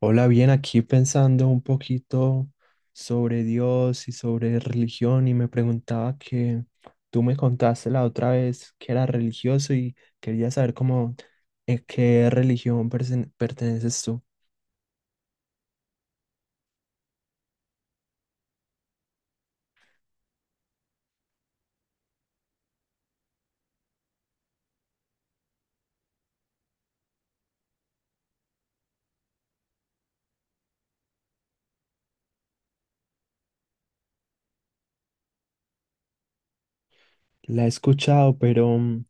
Hola, bien, aquí pensando un poquito sobre Dios y sobre religión, y me preguntaba que tú me contaste la otra vez que era religioso y quería saber cómo, qué religión perteneces tú. La he escuchado, pero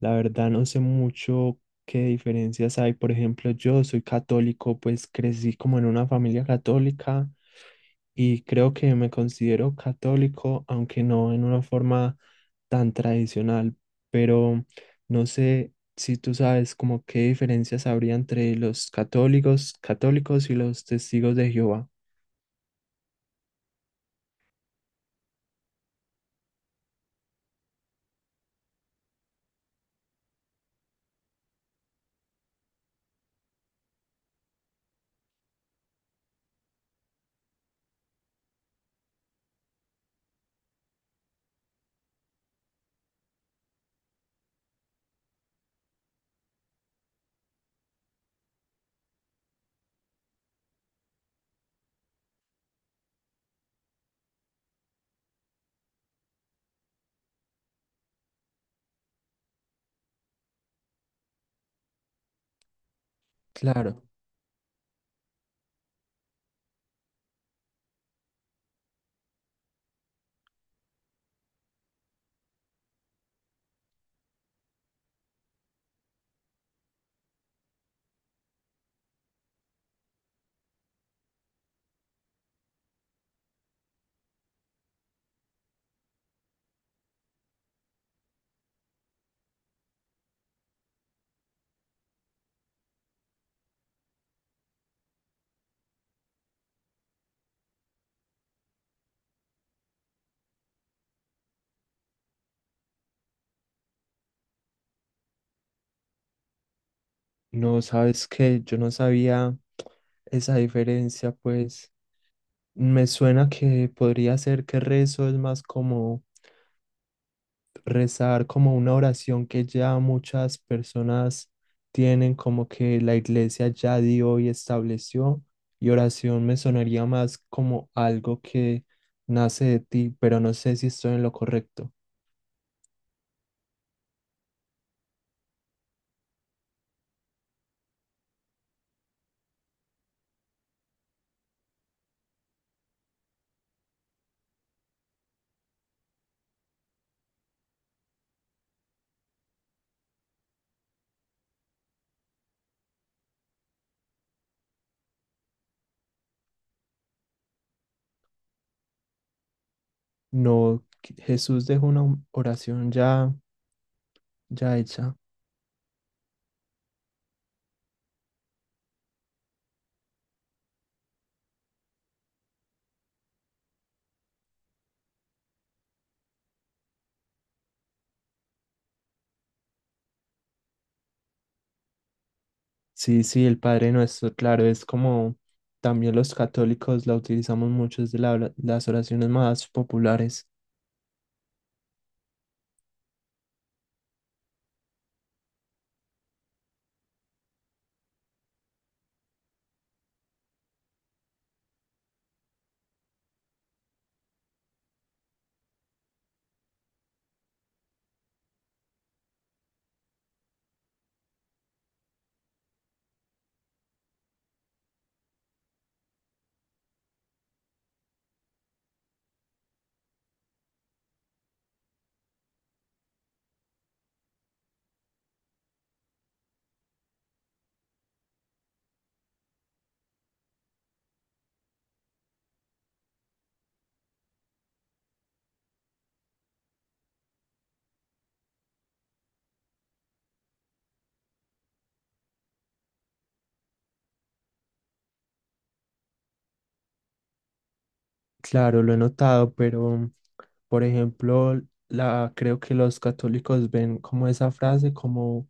la verdad no sé mucho qué diferencias hay. Por ejemplo, yo soy católico, pues crecí como en una familia católica y creo que me considero católico, aunque no en una forma tan tradicional. Pero no sé si tú sabes como qué diferencias habría entre los católicos y los testigos de Jehová. Claro, no sabes que yo no sabía esa diferencia, pues. Me suena que podría ser que rezo es más como rezar, como una oración que ya muchas personas tienen, como que la iglesia ya dio y estableció, y oración me sonaría más como algo que nace de ti, pero no sé si estoy en lo correcto. No, que Jesús dejó una oración ya hecha. Sí, sí, el Padre Nuestro, claro, es como también los católicos la utilizamos mucho, es de las oraciones más populares. Claro, lo he notado, pero por ejemplo, creo que los católicos ven como esa frase como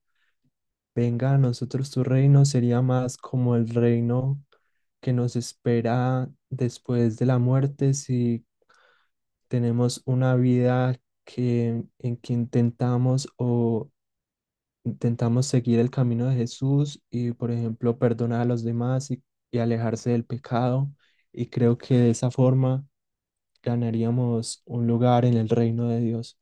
venga a nosotros tu reino, sería más como el reino que nos espera después de la muerte si tenemos una vida que, en que intentamos o intentamos seguir el camino de Jesús y por ejemplo perdonar a los demás y alejarse del pecado. Y creo que de esa forma ganaríamos un lugar en el reino de Dios.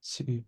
Sí,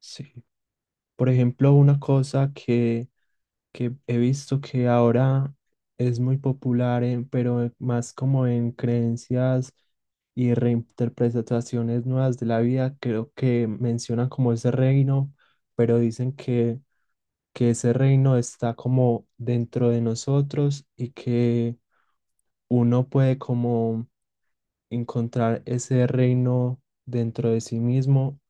sí. Por ejemplo, una cosa que he visto que ahora es muy popular, pero más como en creencias y reinterpretaciones nuevas de la vida, creo que mencionan como ese reino, pero dicen que ese reino está como dentro de nosotros y que uno puede como encontrar ese reino dentro de sí mismo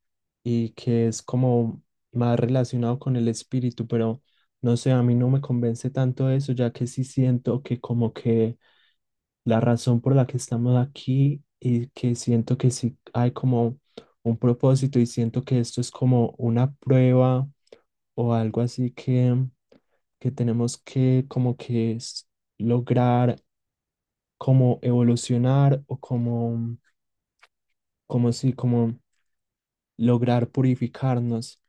y que es como más relacionado con el espíritu, pero no sé, a mí no me convence tanto eso, ya que sí siento que como que la razón por la que estamos aquí y que siento que sí hay como un propósito y siento que esto es como una prueba o algo así que tenemos que como que lograr como evolucionar o como, como sí, como lograr purificarnos.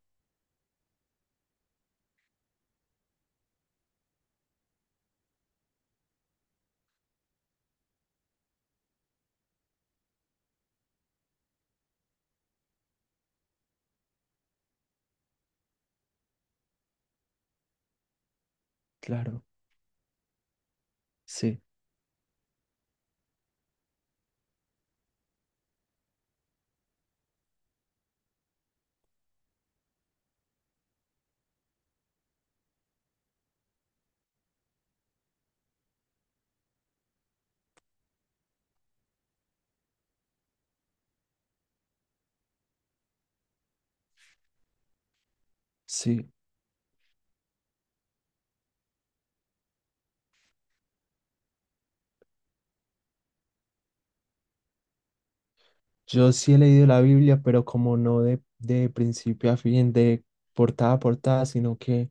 Claro, sí. Sí, yo sí he leído la Biblia, pero como no de, de principio a fin, de portada a portada, sino que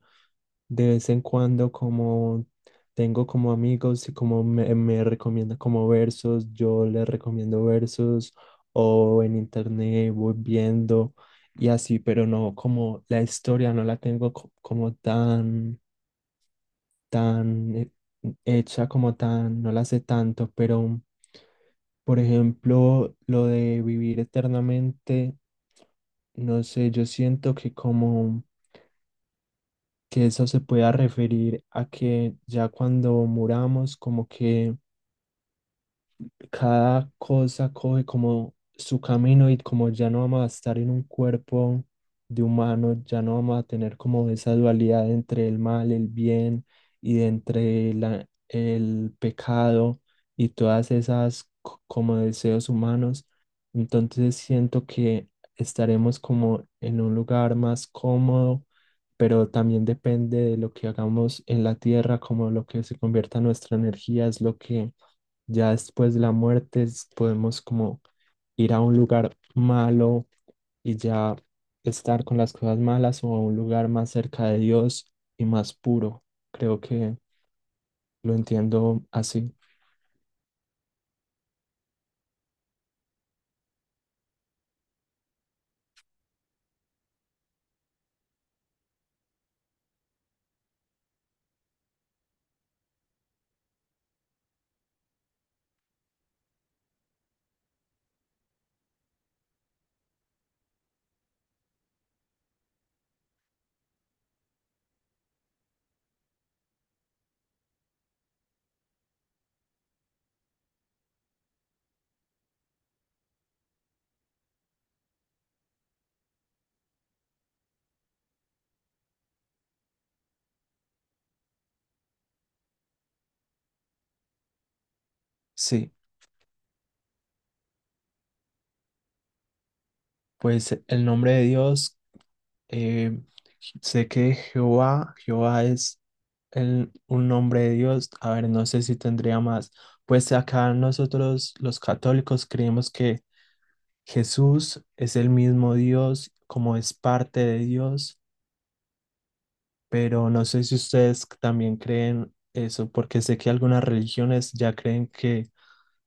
de vez en cuando como tengo como amigos y como me recomienda como versos, yo les recomiendo versos o en internet voy viendo y así, pero no como la historia no la tengo como tan tan hecha como tan, no la sé tanto, pero por ejemplo, lo de vivir eternamente, no sé, yo siento que como que eso se pueda referir a que ya cuando muramos, como que cada cosa coge como su camino y como ya no vamos a estar en un cuerpo de humano, ya no vamos a tener como esa dualidad entre el mal, el bien y de entre el pecado y todas esas como deseos humanos. Entonces siento que estaremos como en un lugar más cómodo, pero también depende de lo que hagamos en la tierra, como lo que se convierta en nuestra energía es lo que ya después de la muerte podemos como ir a un lugar malo y ya estar con las cosas malas o a un lugar más cerca de Dios y más puro. Creo que lo entiendo así. Sí, pues el nombre de Dios, eh, sé que Jehová, Jehová es un nombre de Dios. A ver, no sé si tendría más. Pues acá nosotros los católicos creemos que Jesús es el mismo Dios, como es parte de Dios, pero no sé si ustedes también creen eso, porque sé que algunas religiones ya creen que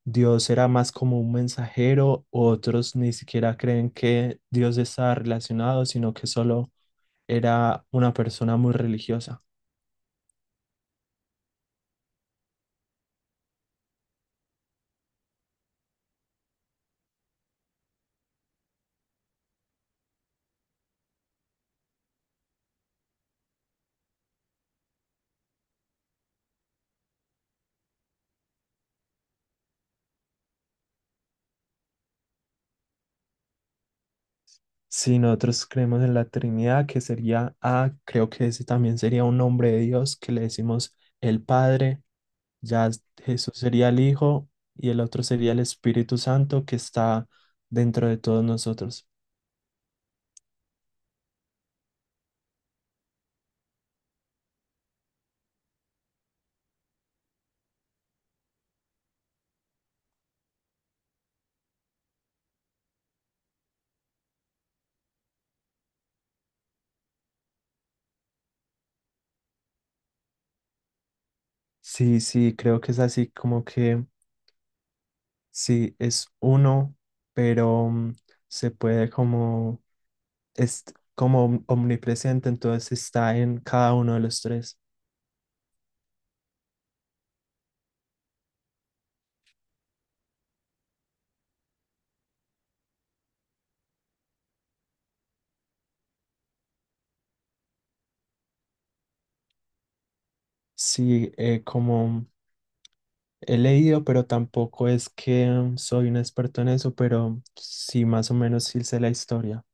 Dios era más como un mensajero, otros ni siquiera creen que Dios está relacionado, sino que solo era una persona muy religiosa. Si nosotros creemos en la Trinidad, que sería A, creo que ese también sería un nombre de Dios, que le decimos el Padre, Jesús sería el Hijo y el otro sería el Espíritu Santo que está dentro de todos nosotros. Sí, sí, creo que es así como que sí, es uno, pero se puede como, es como omnipresente, entonces está en cada uno de los tres. Sí, como... He leído, pero tampoco es que soy un experto en eso, pero sí, más o menos sí sé la historia.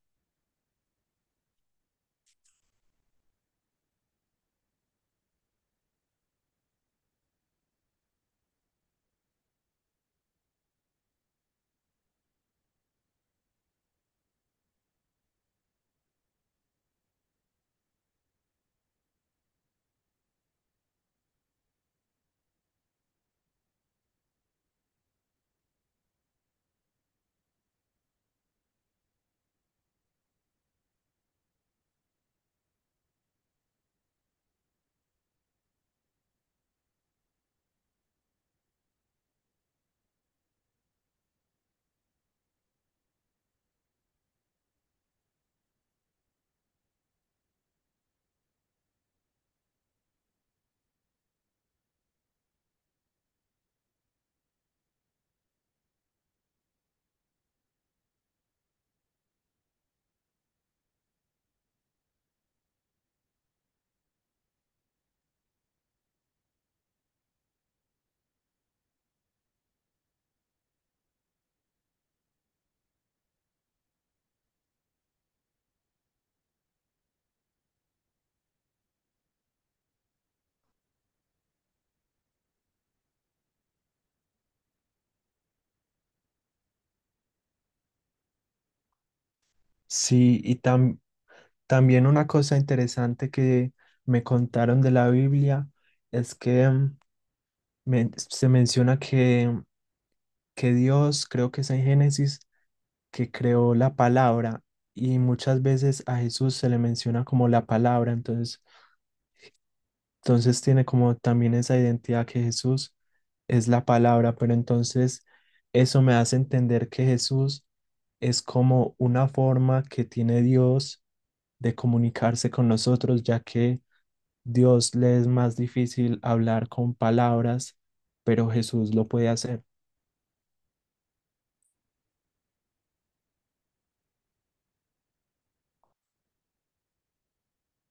Sí, y también una cosa interesante que me contaron de la Biblia es que se menciona que Dios, creo que es en Génesis, que creó la palabra y muchas veces a Jesús se le menciona como la palabra, entonces, entonces tiene como también esa identidad que Jesús es la palabra, pero entonces eso me hace entender que Jesús es como una forma que tiene Dios de comunicarse con nosotros, ya que Dios le es más difícil hablar con palabras, pero Jesús lo puede hacer.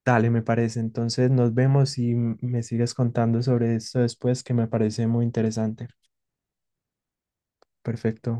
Dale, me parece. Entonces nos vemos y me sigues contando sobre esto después, que me parece muy interesante. Perfecto.